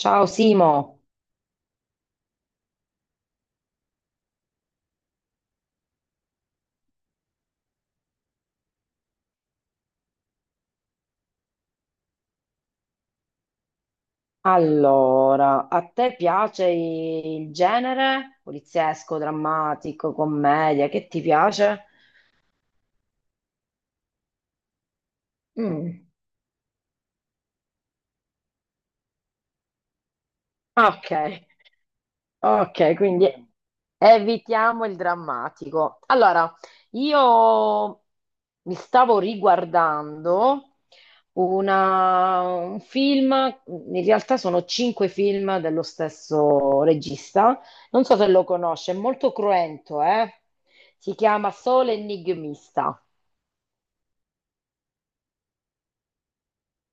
Ciao Simo. Allora, a te piace il genere poliziesco, drammatico, commedia, che ti piace? Mm. Ok, ok, quindi evitiamo il drammatico. Allora, io mi stavo riguardando un film, in realtà sono cinque film dello stesso regista, non so se lo conosce, è molto cruento, eh? Si chiama Sole Enigmista.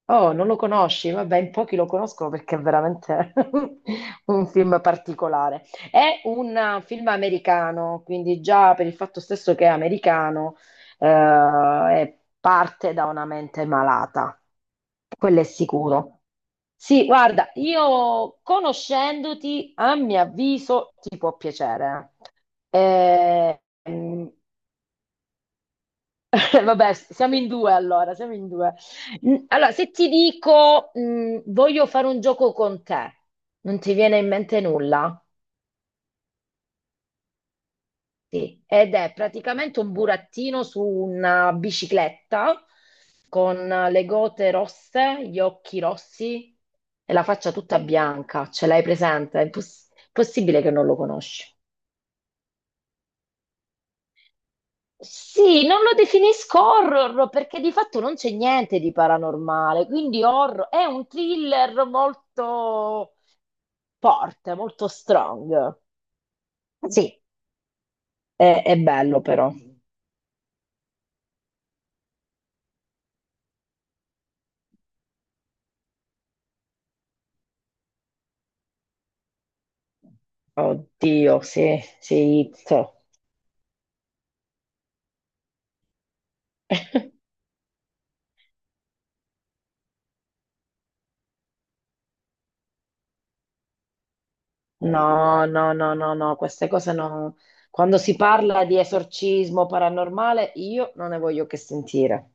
Oh, non lo conosci? Vabbè, in pochi lo conoscono perché è veramente un film particolare. È un film americano, quindi già per il fatto stesso che è americano, parte da una mente malata, quello è sicuro. Sì, guarda, io conoscendoti, a mio avviso, ti può piacere. Eh, mm, Vabbè, siamo in due allora, siamo in due. Allora, se ti dico, voglio fare un gioco con te, non ti viene in mente nulla? Sì. Ed è praticamente un burattino su una bicicletta con le gote rosse, gli occhi rossi e la faccia tutta bianca. Ce l'hai presente? È possibile che non lo conosci. Sì, non lo definisco horror perché di fatto non c'è niente di paranormale, quindi horror è un thriller molto forte, molto strong. Sì. È bello però. Oddio, sì, sì. It. No, no, no, no, no, queste cose no. Quando si parla di esorcismo paranormale, io non ne voglio che sentire.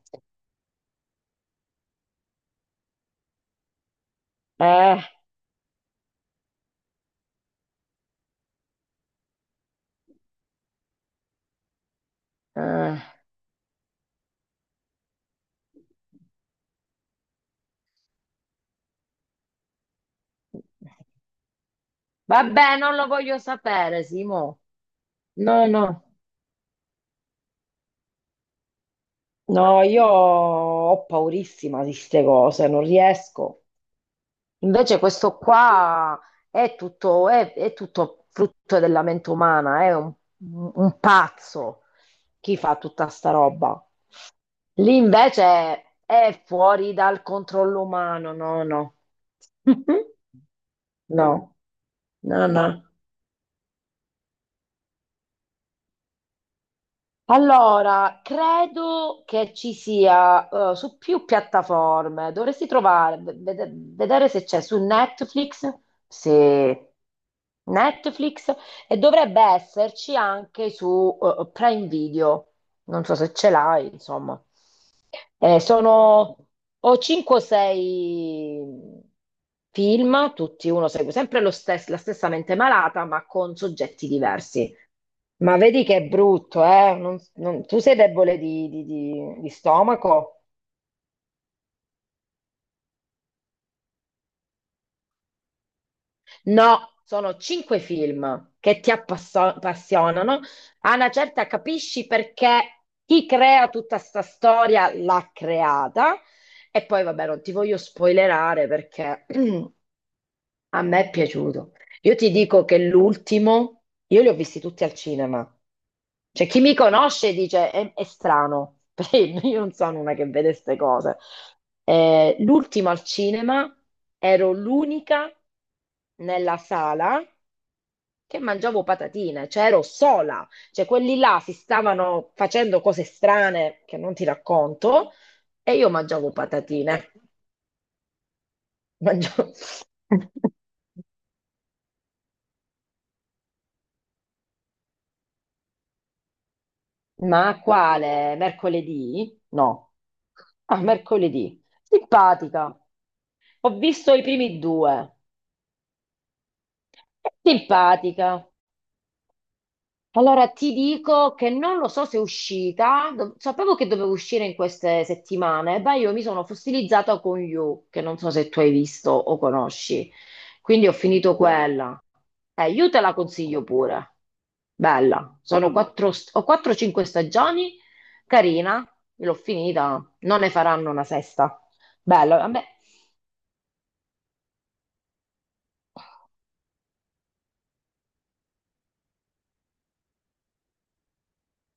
Eh, eh. Vabbè, non lo voglio sapere, Simo. No, no. No, io ho paurissima di queste cose, non riesco. Invece questo qua è tutto, è tutto frutto della mente umana, è un pazzo chi fa tutta sta roba. Lì invece è fuori dal controllo umano, no, no. No, no, no. Allora, credo che ci sia su più piattaforme. Dovresti trovare, vedere se c'è su Netflix, se Netflix, e dovrebbe esserci anche su Prime Video. Non so se ce l'hai, insomma. Sono o 5 o 6 film, tutti uno segue sempre la stessa mente malata, ma con soggetti diversi. Ma vedi che è brutto, eh? Tu sei debole di stomaco? No, sono cinque film che ti appassionano. A una certa capisci perché chi crea tutta sta storia l'ha creata. E poi, vabbè, non ti voglio spoilerare perché A me è piaciuto. Io ti dico che l'ultimo, io li ho visti tutti al cinema. Cioè, chi mi conosce dice è strano, perché io non sono una che vede queste cose. L'ultimo al cinema ero l'unica nella sala che mangiavo patatine, cioè ero sola. Cioè, quelli là si stavano facendo cose strane che non ti racconto e io mangiavo patatine. Mangiavo. Ma quale? Mercoledì? No. Ah, mercoledì. Simpatica. Ho visto i primi due. Simpatica. Allora ti dico che non lo so se è uscita, sapevo che dovevo uscire in queste settimane. Beh, io mi sono fossilizzata con You, che non so se tu hai visto o conosci, quindi ho finito quella. You te la consiglio pure. Bella, sono quattro, ho 4-5 stagioni, carina, l'ho finita, non ne faranno una sesta. Bella, a me.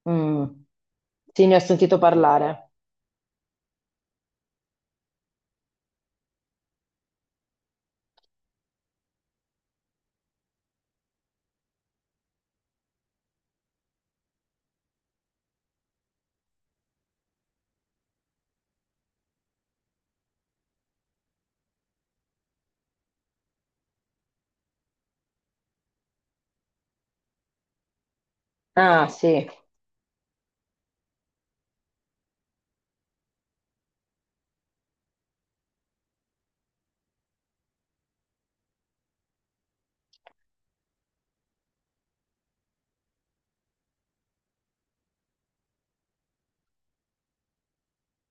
Mm, sì, ne ho sentito parlare. Ah, sì.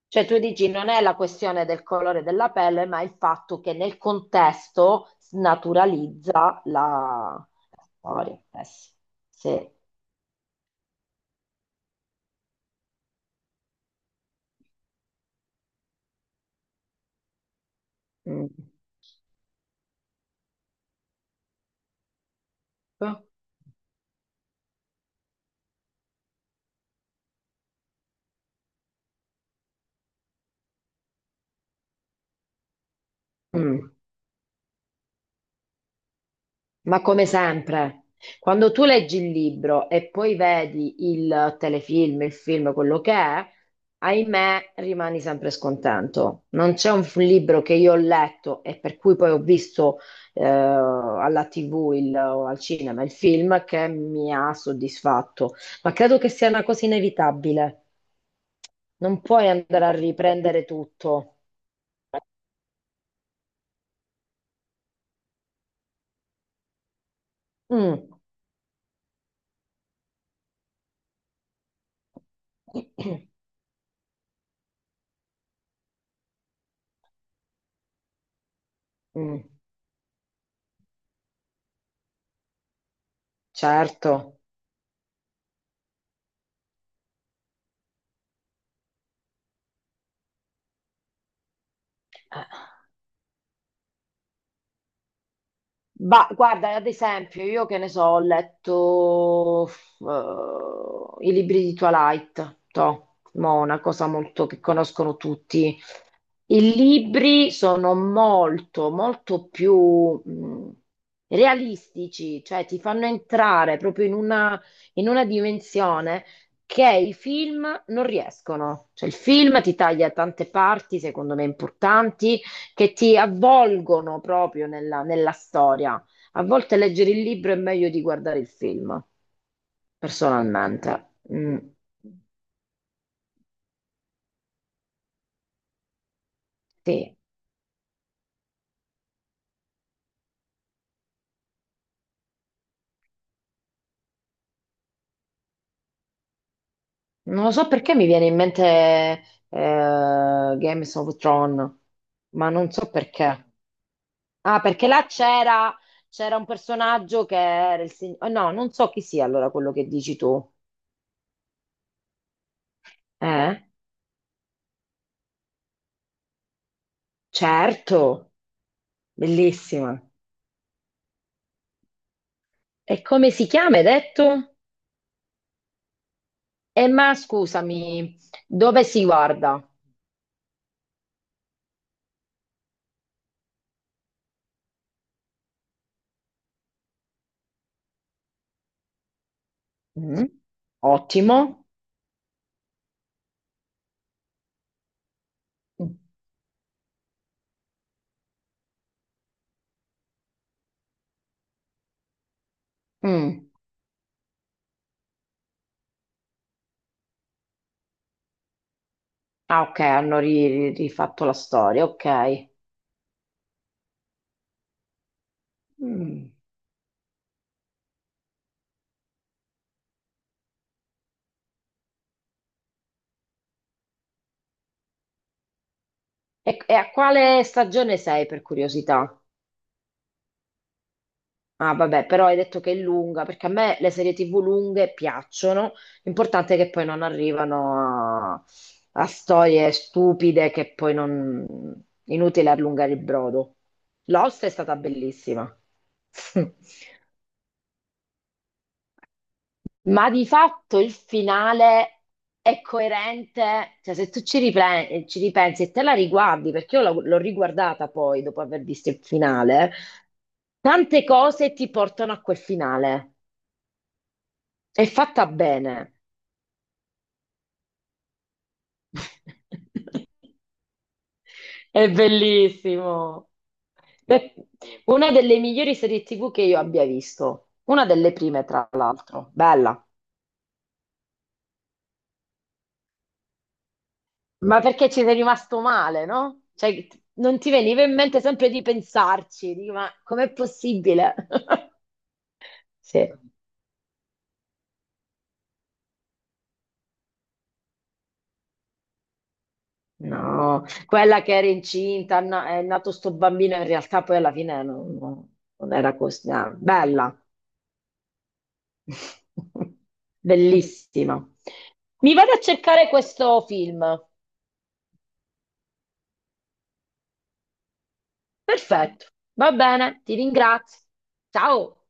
Cioè tu dici non è la questione del colore della pelle, ma il fatto che nel contesto snaturalizza la storia. Sì. Sì. Mm. Mm. Ma come sempre, quando tu leggi il libro e poi vedi il telefilm, il film, quello che è, ahimè, rimani sempre scontento. Non c'è un libro che io ho letto e per cui poi ho visto alla TV o al cinema il film che mi ha soddisfatto. Ma credo che sia una cosa inevitabile. Non puoi andare a riprendere tutto. Mm. Mm, certo. Eh. Guarda, ad esempio, io che ne so, ho letto i libri di Twilight, una cosa molto che conoscono tutti. I libri sono molto, molto più realistici, cioè ti fanno entrare proprio in una, dimensione che i film non riescono. Cioè, il film ti taglia tante parti, secondo me importanti, che ti avvolgono proprio nella storia. A volte leggere il libro è meglio di guardare il film, personalmente. Mm, sì. Non lo so perché mi viene in mente Games of Thrones, ma non so perché. Ah, perché là c'era un personaggio che era il signore. No, non so chi sia allora quello che dici tu. Eh? Certo, bellissima. E come si chiama, hai detto? E ma scusami, dove si guarda? Mm, ottimo. Mm. Ah, ok, hanno rifatto la storia, ok. Mm. E a quale stagione sei per curiosità? Ah, vabbè, però hai detto che è lunga, perché a me le serie TV lunghe piacciono. L'importante è che poi non arrivano a storie stupide che poi non. Inutile allungare il brodo. Lost è stata bellissima. Ma di fatto il finale è coerente, cioè se tu ci ripensi e te la riguardi, perché io l'ho riguardata poi dopo aver visto il finale, tante cose ti portano a quel finale. È fatta bene. È bellissimo. Beh, una delle migliori serie TV che io abbia visto, una delle prime tra l'altro, bella. Ma perché ci sei rimasto male, no? Cioè, non ti veniva in mente sempre di pensarci, dico, ma com'è possibile? Sì, no, quella che era incinta, no, è nato sto bambino, in realtà poi alla fine non era così, ah, bella, bellissima. Mi vado a cercare questo film. Perfetto, va bene, ti ringrazio. Ciao.